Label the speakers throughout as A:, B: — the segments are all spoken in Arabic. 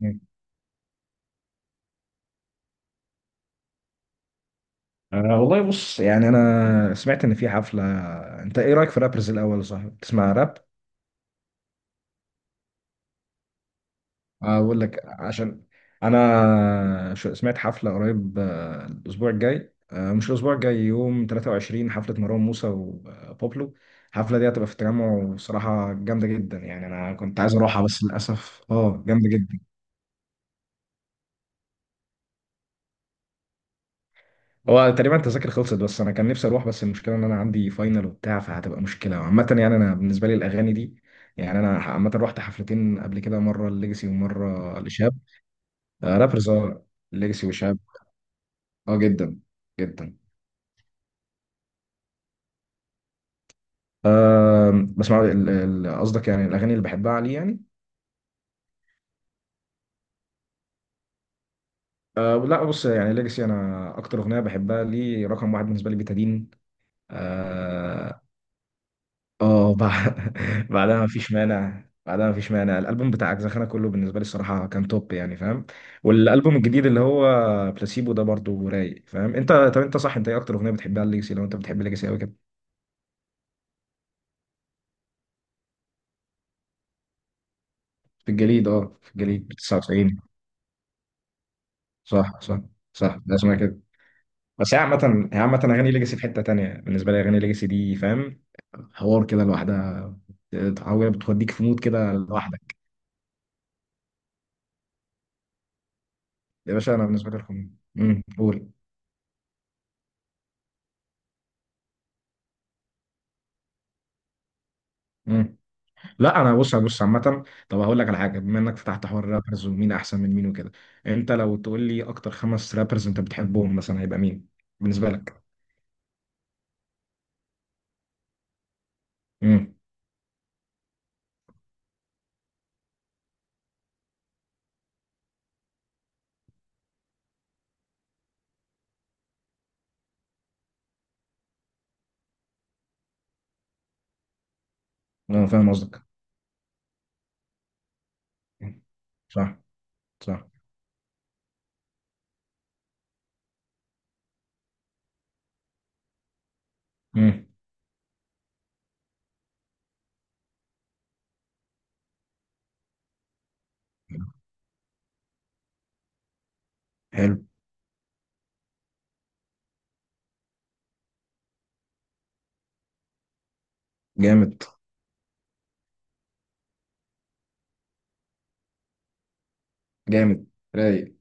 A: مم. أه، والله، بص، يعني انا سمعت ان في حفله. انت ايه رايك في رابرز الاول؟ صح بتسمع راب؟ اقول لك، عشان انا سمعت حفله قريب، الاسبوع الجاي، مش الاسبوع الجاي، يوم 23 حفله مروان موسى وبوبلو. الحفله دي هتبقى في التجمع، وصراحه جامده جدا. يعني انا كنت عايز اروحها بس للاسف، جامده جدا. هو تقريبا التذاكر خلصت، بس انا كان نفسي اروح. بس المشكله ان انا عندي فاينل وبتاع، فهتبقى مشكله عامه. يعني انا بالنسبه لي الاغاني دي، يعني انا عامه رحت حفلتين قبل كده، مره ليجاسي ومره لشاب. آه، رابرز، اه. ليجاسي وشاب. اه، جدا. جدا. بسمع قصدك، يعني الاغاني اللي بحبها عليه، يعني. أه لا، بص، يعني ليجاسي، انا اكتر اغنيه بحبها ليه رقم واحد بالنسبه لي بتادين. اه. آه، بع- بعدها مفيش مانع، بعدها مفيش مانع، الالبوم بتاع اجزخانه كله بالنسبه لي الصراحه كان توب، يعني فاهم. والالبوم الجديد اللي هو بلاسيبو ده برضو رايق، فاهم انت؟ طب انت صح، انت ايه اكتر اغنيه بتحبها ليجاسي، لو انت بتحب ليجاسي قوي كده؟ في الجليد، اه، في الجليد 99. صح، صح، صح، ده اسمها كده. بس هي عامة أغاني ليجاسي في حتة تانية بالنسبة لي، أغاني ليجاسي دي فاهم، حوار كده لوحدها. بتحاول بتوديك في مود كده لوحدك. يا باشا أنا بالنسبة لي رقم. امم، قول. امم. لا، أنا بص، بص، عامة. طب هقول لك على حاجة، بما إنك فتحت حوار الرابرز ومين أحسن من مين وكده، أنت لو تقول لي أكتر خمس رابرز أنت بتحبهم مثلا، هيبقى مين بالنسبة لك؟ امم. أنا فاهم قصدك. مم. صح. صح. امم. حلو. جامد، جامد، رايق.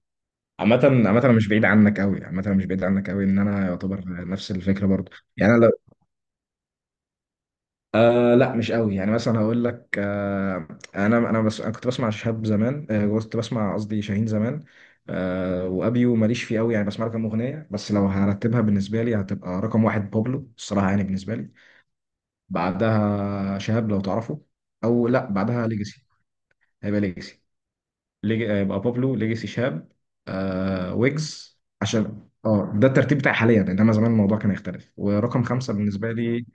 A: عامة انا مش بعيد عنك قوي، عامة انا مش بعيد عنك قوي، ان انا يعتبر نفس الفكرة برضو. يعني انا لو، لا مش قوي، يعني مثلا هقول لك، انا بس انا كنت بسمع شهاب زمان، كنت بسمع، قصدي شاهين زمان. وابيو ماليش فيه قوي، يعني بسمع له كام اغنية. بس لو هرتبها بالنسبة لي هتبقى رقم واحد بابلو الصراحة، يعني بالنسبة لي. بعدها شهاب، لو تعرفه، او لا بعدها ليجاسي. هيبقى ليجاسي. يبقى بابلو، ليجاسي، شهاب، ويجز. عشان ده الترتيب بتاعي حاليا، انما زمان الموضوع كان يختلف. ورقم خمسه بالنسبه لي،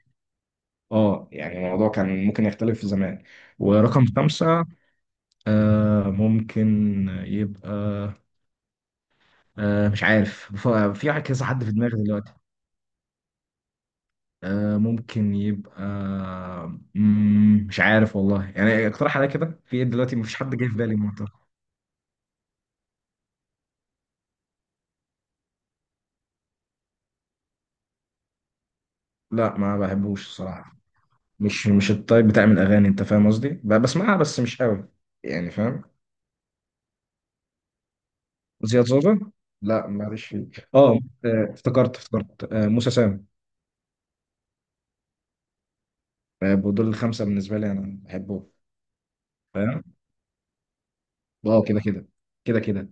A: اه يعني الموضوع كان ممكن يختلف في زمان. ورقم خمسه ممكن يبقى، مش عارف، في كذا حد في دماغي دلوقتي. ممكن يبقى، مش عارف والله، يعني اقترح عليا كده، في ايه دلوقتي؟ مفيش حد جاي في بالي منطقة. لا، ما بحبوش الصراحه، مش التايب بتاع من الاغاني انت فاهم قصدي، بسمعها بس مش قوي، يعني فاهم. زياد زوزة. لا، معلش، فيه، اه. افتكرت، افتكرت، موسى سام. دول الخمسه بالنسبه لي انا بحبهم، فاهم. اه، كده كده. كده كده.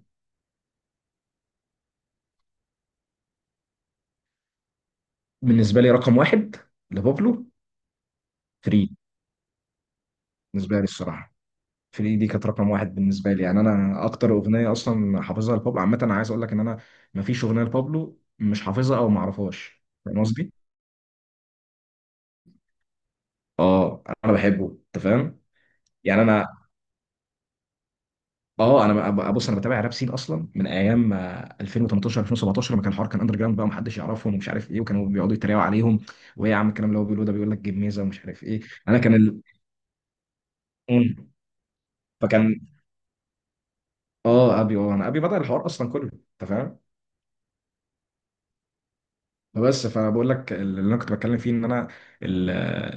A: بالنسبه لي رقم واحد لبابلو، فري. بالنسبه لي الصراحه فري دي كانت رقم واحد بالنسبه لي، يعني انا اكتر اغنيه اصلا حافظها لبابلو. عامه انا عايز اقول لك ان انا مفيش اغنيه لبابلو مش حافظها او ما اعرفهاش، فاهم قصدي؟ اه، انا بحبه، انت فاهم. يعني انا بص، انا بتابع راب سين اصلا من ايام، 2018 2017، لما كان الحوار اندر جراوند بقى، ومحدش يعرفهم، ومش عارف ايه، وكانوا بيقعدوا يتريقوا عليهم، وايه يا عم الكلام اللي هو بيقوله ده، بيقول لك جميزه ومش عارف ايه. انا كان ال... مم. فكان اه ابي، انا، ابي بدأ الحوار اصلا كله، انت فاهم. بس فانا بقول لك اللي انا كنت بتكلم فيه، ان ال-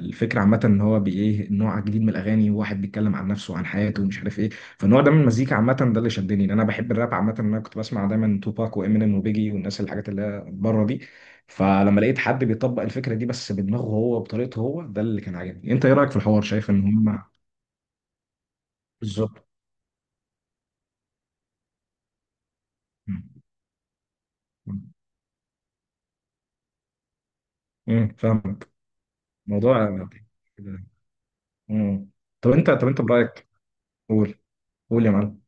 A: الفكره عامه ان هو ايه نوع جديد من الاغاني، واحد بيتكلم عن نفسه وعن حياته ومش عارف ايه. فالنوع ده من المزيكا عامه ده اللي شدني، لان انا بحب الراب عامه، إن انا كنت بسمع دايما توباك وامينيم وبيجي والناس، الحاجات اللي هي بره دي. فلما لقيت حد بيطبق الفكره دي بس بدماغه هو وبطريقته هو، ده اللي كان عاجبني. انت ايه رايك في الحوار؟ شايف ان هم بالظبط؟ امم، فاهمك. موضوع يعني كده. مم. طب انت برايك، قول، قول يا معلم.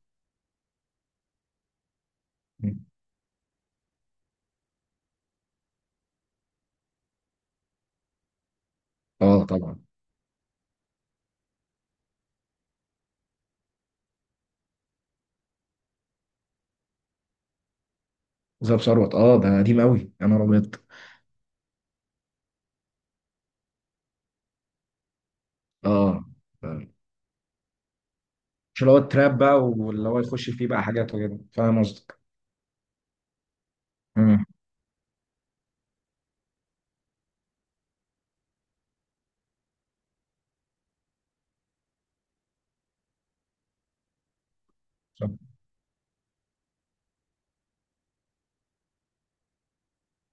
A: مم. اه، طبعا. ذهب ثروت، اه ده قديم قوي، يا نهار ابيض. اه. ف- مش اللي هو التراب بقى، واللي هو يخش فيه بقى حاجات وكده، فاهم قصدك. امم. صح.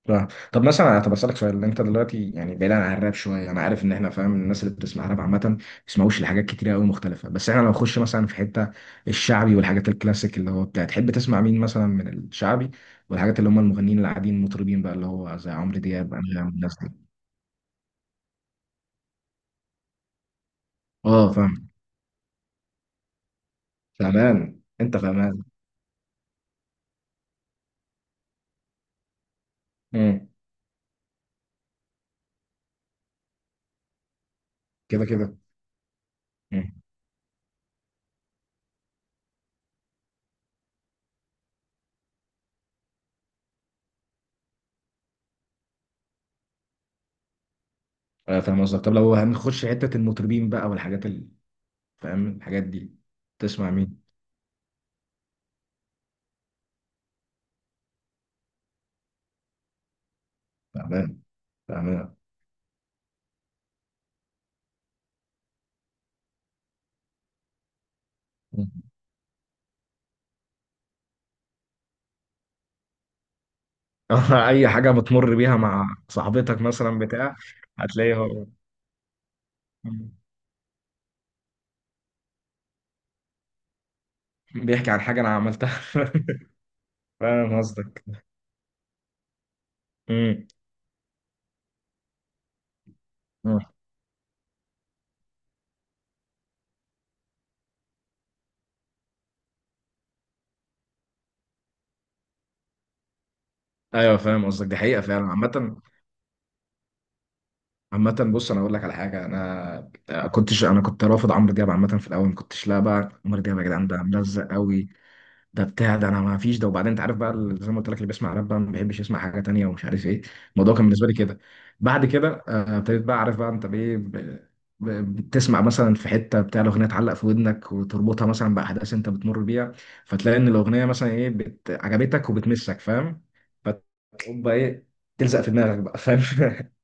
A: صح. طب اسالك سؤال، انت دلوقتي يعني بعيدا عن الراب شويه، انا عارف ان احنا فاهم، الناس اللي بتسمع راب عامه ما بيسمعوش لحاجات كتيره قوي مختلفه. بس احنا لو نخش مثلا في حته الشعبي والحاجات الكلاسيك، اللي هو بتاع، تحب تسمع مين مثلا من الشعبي، والحاجات اللي هم المغنيين اللي قاعدين، المطربين بقى، اللي هو زي عمرو دياب، انغام، الناس دي؟ اه، فاهم. فاهمان انت، فاهمان. امم، كده كده. فاهم قصدك. طب لو هنخش حتة المطربين بقى والحاجات ال... فاهم الحاجات دي، تسمع مين؟ فاهمان، فاهمان. أي حاجة بتمر بيها مع صاحبتك مثلا، بتاع؟ هتلاقيه هو بيحكي عن حاجة أنا عملتها. فاهم قصدك. مم. مم. أيوه فاهم قصدك، دي حقيقة فعلا عامة. عامة بص، أنا أقول لك على حاجة، أنا كنتش، أنا كنت رافض عمرو دياب عامة في الأول، ما كنتش لا بقى عمرو دياب يا جدعان ده ملزق قوي، ده بتاع، ده انا ما فيش ده. وبعدين انت عارف بقى، زي ما قلت لك، اللي بيسمع راب بقى ما بيحبش يسمع حاجه تانية ومش عارف ايه. الموضوع كان بالنسبه لي كده. بعد كده، ابتديت بقى، عارف بقى انت بايه، بتسمع مثلا في حته بتاع الاغنيه، تعلق في ودنك وتربطها مثلا باحداث انت بتمر بيها، فتلاقي ان الاغنيه مثلا ايه عجبتك وبتمسك، فاهم. فتقوم بقى ايه، تلزق في دماغك بقى، فاهم.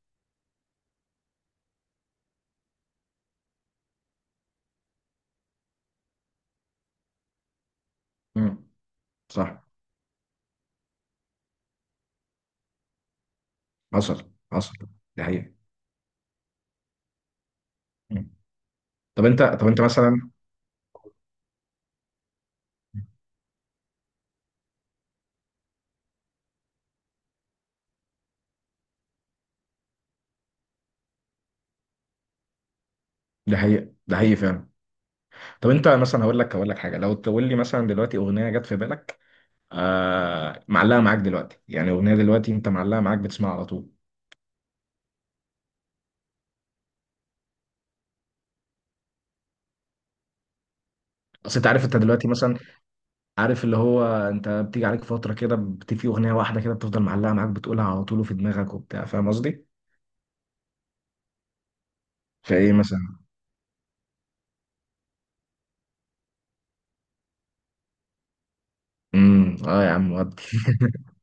A: مم. صح. حصل، حصل، ده حقيقي. مم. طب انت مثلا، ده حقيقي، ده حقيقي فعلا. طب انت مثلا، هقول لك حاجه، لو تقول لي مثلا دلوقتي اغنيه جت في بالك، معلقه معاك دلوقتي، يعني اغنيه دلوقتي انت معلقه معاك، بتسمعها على طول. اصل انت عارف، انت دلوقتي مثلا عارف اللي هو، انت بتيجي عليك فتره كده، في اغنيه واحده كده بتفضل معلقه معاك، بتقولها على طول وفي دماغك وبتاع، فاهم قصدي؟ فايه مثلا؟ امم. اه يا عم، ودي.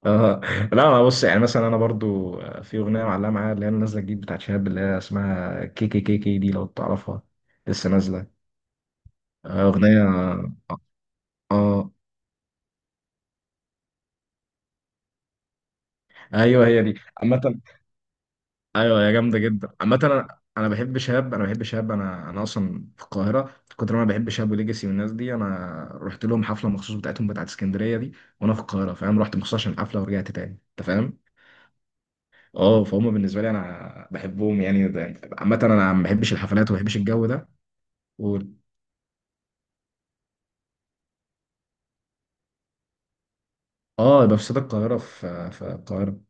A: اه، لا، انا بص يعني، مثلا انا برضو في اغنيه معلقه معايا، اللي هي نازله جديد بتاعت شهاب، اللي هي اسمها كي كي كي كي دي، لو تعرفها. لسه نازله. اغنيه، اه، آه. ايوه هي دي عامة. ايوه هي جامدة جدا عامة، انا بحب شهاب، انا بحب شهاب، انا اصلا في القاهرة، في كتر ما انا بحب شهاب وليجاسي والناس دي، انا رحت لهم حفلة مخصوص بتاعتهم بتاعت اسكندرية دي، وانا في القاهرة، فاهم؟ رحت مخصوص عشان الحفلة ورجعت تاني، انت فاهم. اه، فهم، بالنسبة لي انا بحبهم، يعني عامة انا ما بحبش الحفلات وما بحبش الجو ده. و... اه، يبقى في استاد القاهرة، في القاهرة.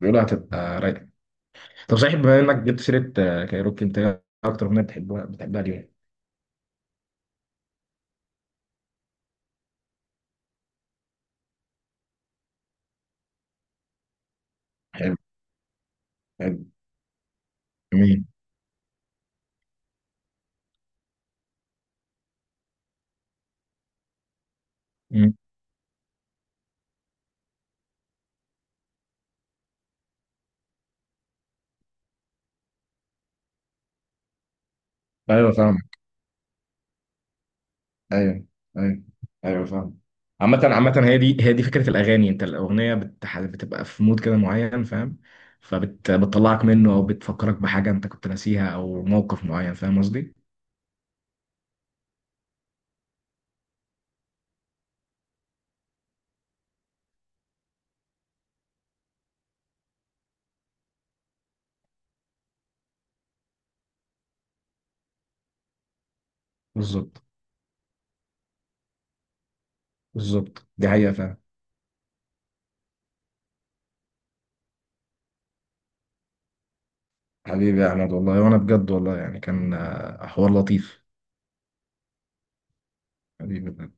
A: بيقولوا هتبقى رايقة. طب صحيح، بما انك جبت سيرة، كايروكي، انت إيه اكتر اغنية بتحبها اليوم؟ حلو. حلو. مين؟ ايوه فاهم. ايوه. ايوه. ايوه فاهم. عامة هي دي فكرة الأغاني، أنت الأغنية بتبقى في مود كده معين فاهم، فبتطلعك منه أو بتفكرك بحاجة أنت كنت ناسيها أو موقف معين، فاهم قصدي؟ بالظبط. بالظبط دي حقيقة فاهم. حبيبي يا أحمد والله، وأنا بجد والله يعني كان، حوار لطيف، حبيبي.